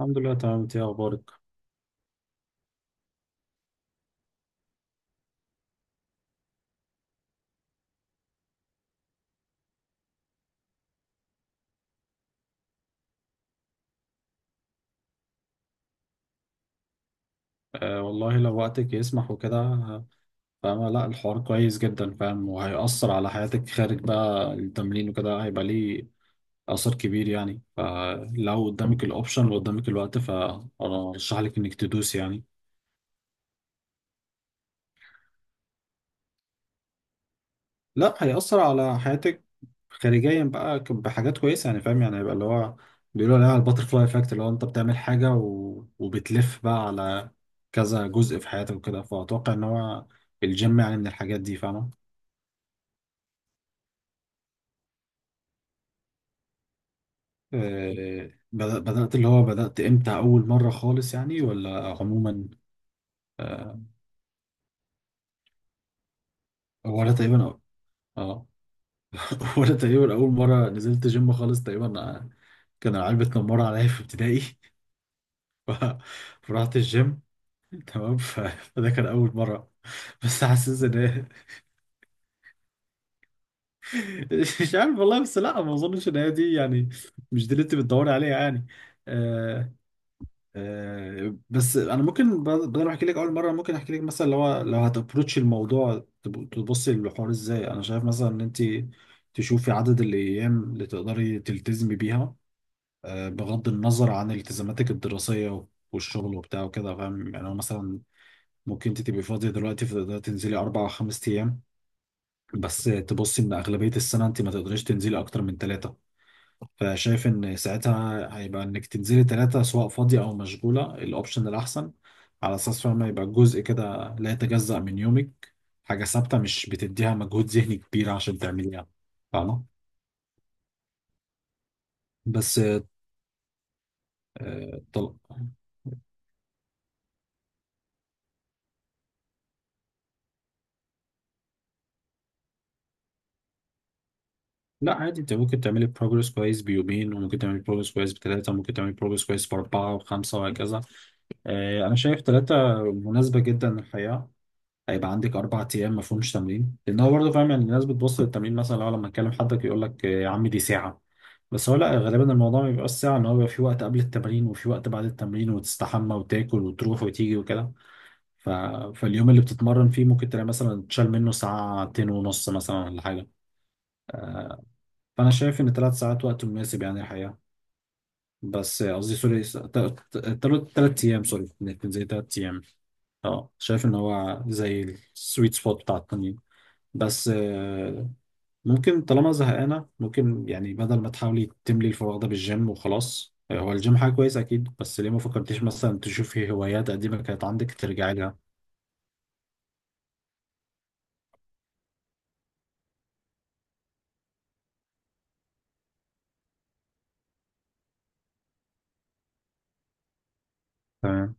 الحمد لله، تمام. انت ايه اخبارك؟ والله لو وقتك يسمح وكده، فاهمة. لا الحوار كويس جدا فاهم، وهيأثر على حياتك خارج بقى التمرين وكده، هيبقى ليه أثر كبير يعني. فلو قدامك الأوبشن وقدامك الوقت فأرشح لك إنك تدوس يعني. لا، هيأثر على حياتك خارجيا بقى بحاجات كويسة يعني فاهم. يعني هيبقى اللي هو بيقولوا عليها الباترفلاي افكت، اللي هو انت بتعمل حاجة وبتلف بقى على كذا جزء في حياتك وكده، فأتوقع إن هو الجيم يعني من الحاجات دي فاهمة. آه، بدأت اللي هو بدأت امتى، أول مرة خالص يعني ولا عموما؟ آه، ولا تقريبا. اه. ولا تقريبا أول مرة نزلت جيم خالص تقريبا، كان العيال بتنمر عليا في ابتدائي. ف- فرحت الجيم، تمام. فده كان أول مرة. بس حاسس إن هي مش عارف والله، بس لا ما أظنش إن هي دي يعني. مش دي اللي أنت بتدوري عليها يعني. آه، بس انا ممكن بدل ما احكي لك اول مره ممكن احكي لك مثلا، لو هتابروتش الموضوع تبصي للحوار ازاي. انا شايف مثلا ان انت تشوفي عدد الايام اللي تقدري تلتزمي بيها، بغض النظر عن التزاماتك الدراسيه والشغل وبتاع وكده فاهم. يعني هو مثلا ممكن انت تبقي فاضيه دلوقتي فتقدري تنزلي اربع او خمس ايام، بس تبصي ان اغلبيه السنه انت ما تقدريش تنزلي اكتر من ثلاثه. فشايف ان ساعتها هيبقى انك تنزلي ثلاثة، سواء فاضية او مشغولة، الاوبشن الاحسن، على اساس فاهمة يبقى جزء كده لا يتجزأ من يومك. حاجة ثابتة مش بتديها مجهود ذهني كبير عشان تعمليها، فاهمة؟ بس آه، طل... لا عادي، انت ممكن تعملي بروجرس كويس بيومين، وممكن تعملي بروجرس كويس بثلاثة، وممكن تعملي بروجرس كويس بأربعة وخمسة وهكذا. انا شايف ثلاثة مناسبة جدا للحياة. هيبقى عندك اربع ايام ما فيهمش تمرين. لان هو برضه فاهم يعني، الناس بتبص للتمرين مثلا، لو لما تكلم حدك يقول لك يا عم دي ساعه. بس هو لا، غالبا الموضوع ما بيبقاش ساعه. ان هو بيبقى في وقت قبل التمرين وفي وقت بعد التمرين، وتستحمى وتاكل وتروح وتيجي وكده. ف... فاليوم اللي بتتمرن فيه ممكن تلاقي مثلا تشال منه ساعتين ونص مثلا ولا حاجه. فانا شايف ان ثلاث ساعات وقت مناسب يعني الحقيقه. بس قصدي سوري، ثلاث ايام سوري، كان زي ثلاث ايام. اه شايف ان هو زي السويت سبوت بتاع التمرين. بس ممكن طالما زهقانة ممكن يعني، بدل ما تحاولي تملي الفراغ ده بالجيم وخلاص، هو الجيم حاجة كويسة أكيد، بس ليه ما فكرتيش مثلا تشوفي هوايات قديمة كانت عندك ترجعي لها؟ تمام.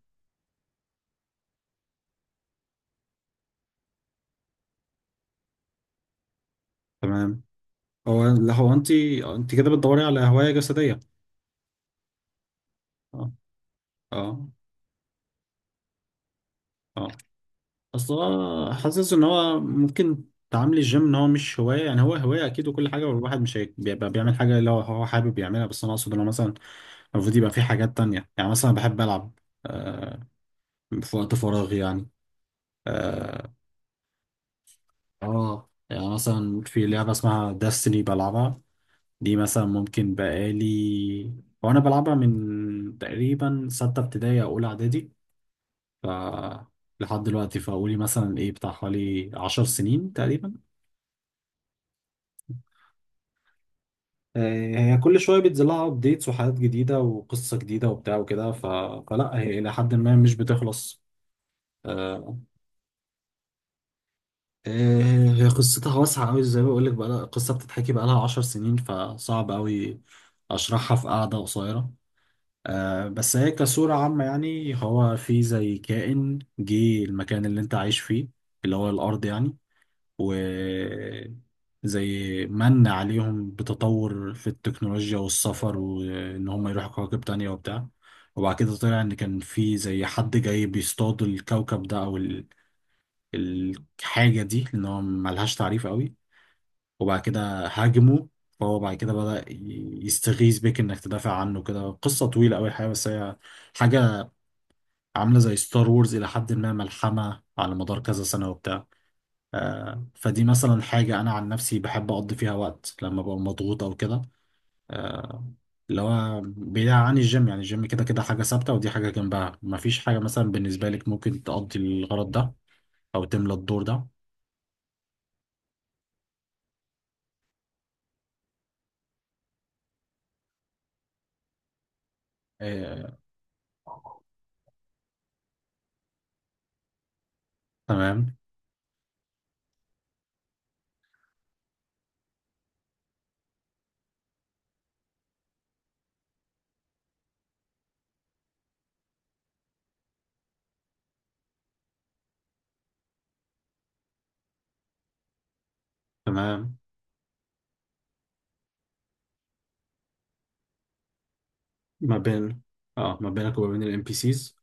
تمام. هو لا، هو أنت أنت كده بتدوري على هواية جسدية. أه. أه. أه. أصل هو حاسس إن هو ممكن تعاملي الجيم إن هو مش هواية. يعني هو هواية أكيد وكل حاجة، والواحد مش هي- بيبقى بيعمل حاجة اللي هو هو حابب يعملها، بس أنا أقصد إن هو مثلا المفروض يبقى في حاجات تانية. يعني مثلا بحب ألعب آه، في وقت فراغي يعني. آه اه يعني مثلا في لعبة اسمها داستني بلعبها. دي مثلا ممكن بقالي، وانا بلعبها من تقريبا ستة ابتدائي او اولى اعدادي ف لحد دلوقتي. فقولي مثلا ايه، بتاع حوالي 10 سنين تقريبا. هي كل شوية بينزل لها ابديتس وحاجات جديدة وقصة جديدة وبتاع وكده. فلا هي إلى حد ما مش بتخلص. آه، هي قصتها واسعة أوي، زي ما بقولك بقى، قصة بتتحكي بقالها 10 سنين، فصعب أوي أشرحها في قعدة قصيرة. بس هي كصورة عامة يعني، هو في زي كائن جه المكان اللي أنت عايش فيه، اللي هو الأرض يعني، و زي من عليهم بتطور في التكنولوجيا والسفر وإن هم يروحوا كواكب تانية وبتاع. وبعد كده طلع إن كان في زي حد جاي بيصطاد الكوكب ده أو الحاجة دي، لأن هو ملهاش تعريف قوي. وبعد كده هاجمه، فهو بعد كده بدأ يستغيث بك إنك تدافع عنه كده. قصة طويلة أوي الحقيقة، بس هي حاجة عاملة زي ستار وورز إلى حد ما، ملحمة على مدار كذا سنة وبتاع. فدي مثلا حاجة أنا عن نفسي بحب أقضي فيها وقت لما ببقى مضغوط أو كده، آه، اللي هو بعيد عن الجيم يعني. الجيم كده كده حاجة ثابتة، ودي حاجة جنبها مفيش حاجة. مثلا بالنسبة لك ممكن تقضي الغرض ده أو تملى الدور ده. آه، تمام. تمام. ما بين، اه ما بينك وما بين الام بي سيز.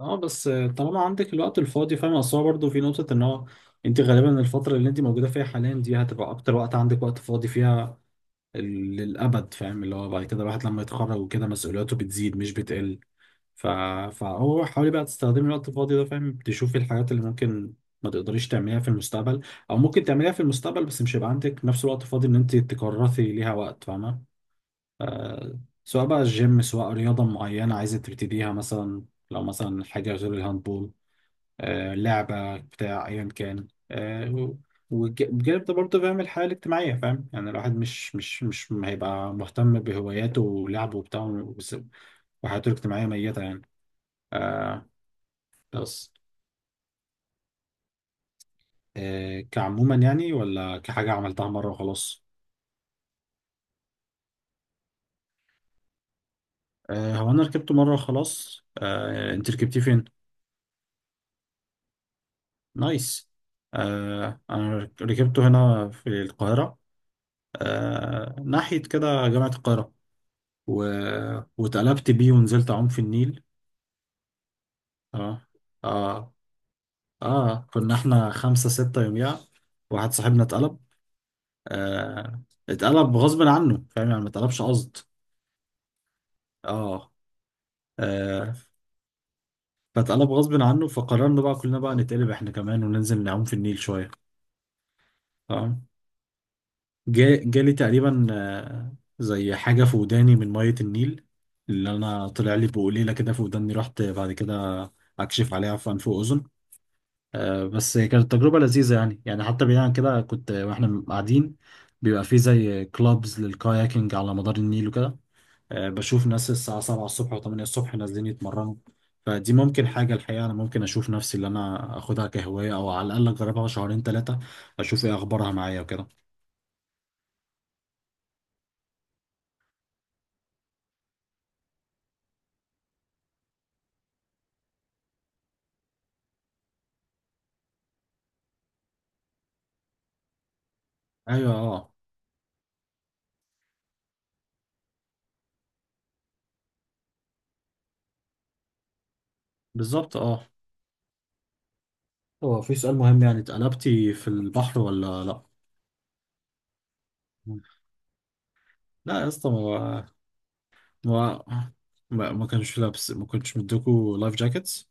اه بس طالما عندك الوقت الفاضي فاهم. اصل هو برضه في نقطة ان هو انت غالبا الفترة اللي انت موجودة فيها حاليا دي هتبقى اكتر وقت عندك وقت فاضي فيها للابد فاهم. اللي هو بعد كده الواحد لما يتخرج وكده مسؤولياته بتزيد مش بتقل. ف... فهو حاولي بقى تستخدمي الوقت الفاضي ده فاهم، تشوفي الحاجات اللي ممكن ما تقدريش تعمليها في المستقبل، او ممكن تعمليها في المستقبل بس مش هيبقى عندك نفس الوقت فاضي ان انت تكرسي ليها وقت فاهمة. آه، سواء بقى الجيم، سواء رياضة معينة عايزة تبتديها مثلا، لو مثلا حاجة غير الهاندبول، لعبة بتاع أيا كان. وبجانب ده برضه فاهم الحياة الاجتماعية فاهم. يعني الواحد مش هيبقى مهتم بهواياته ولعبه وبتاع وحياته الاجتماعية ميتة يعني. آه، بس كعموما يعني، ولا كحاجة عملتها مرة وخلاص؟ هو أنا ركبته مرة وخلاص. أنت ركبتيه فين؟ نايس. آه أنا ركبته هنا في القاهرة. آه ناحية كده جامعة القاهرة و... واتقلبت بيه ونزلت أعوم في النيل. آه. آه. آه كنا إحنا خمسة ستة يوميها، واحد صاحبنا اتقلب. آه، اتقلب غصب عنه فاهم، يعني ما اتقلبش قصد. آه. آه. فاتقلب غصب عنه فقررنا بقى كلنا بقى نتقلب إحنا كمان وننزل نعوم في النيل شوية. جالي تقريبا زي حاجة في وداني من مية النيل، اللي أنا طلع لي بقليلة كده في وداني، رحت بعد كده أكشف عليها في أنف وأذن. بس كانت تجربة لذيذة يعني. يعني حتى بعيد عن كده، كنت وإحنا قاعدين بيبقى في زي كلابز للكاياكينج على مدار النيل وكده. بشوف ناس الساعة 7 الصبح و8 الصبح نازلين يتمرنوا. فدي ممكن حاجة الحقيقة أنا ممكن أشوف نفسي اللي أنا أخدها كهواية، أو على الأقل أجربها شهرين ثلاثة أشوف إيه أخبارها معايا وكده. أيوه أه. بالظبط اه. هو في سؤال مهم يعني، اتقلبتي في البحر ولا لا؟ لا يا اسطى. ما ما كانش لابس، ما كنتش مديكوا لايف جاكيتس؟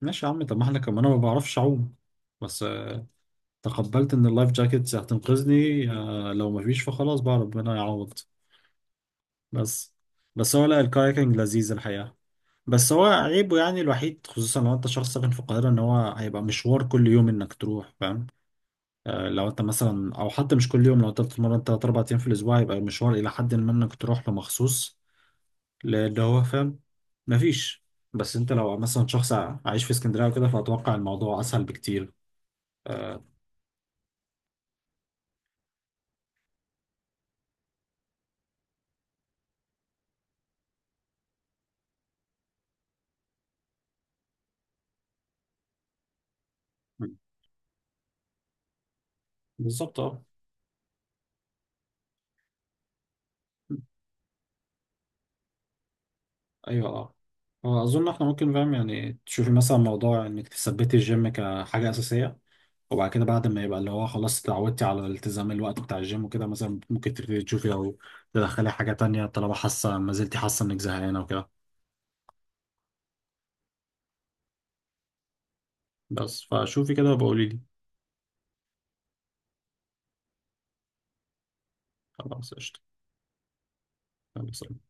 ماشي يا عم، طب ما احنا كمان انا ما بعرفش اعوم، بس تقبلت ان اللايف جاكيتس هتنقذني. لو ما فيش فخلاص بقى ربنا يعوض. بس بس هو لا الكايكنج لذيذ الحقيقة. بس هو عيبه يعني الوحيد، خصوصا لو انت شخص ساكن في القاهرة، ان هو هيبقى مشوار كل يوم انك تروح فاهم. لو انت مثلا، او حتى مش كل يوم، لو انت بتتمرن تلات اربع ايام في الاسبوع يبقى المشوار الى حد ما انك تروح له مخصوص، لان هو فاهم مفيش. بس انت لو مثلا شخص عايش في اسكندريه وكده فاتوقع الموضوع اسهل بكتير. آه، بالظبط اه. ايوه اه. هو اظن احنا ممكن فاهم، يعني تشوفي مثلا موضوع انك تثبتي الجيم كحاجه اساسيه، وبعد كده بعد ما يبقى اللي هو خلاص اتعودتي على التزام الوقت بتاع الجيم وكده، مثلا ممكن تبتدي تشوفي او تدخلي حاجه تانية طالما حاسه ما زلتي حاسه انك زهقانه وكده. بس فشوفي كده وبقولي لي. خلاص قشطة. يلا، سلام.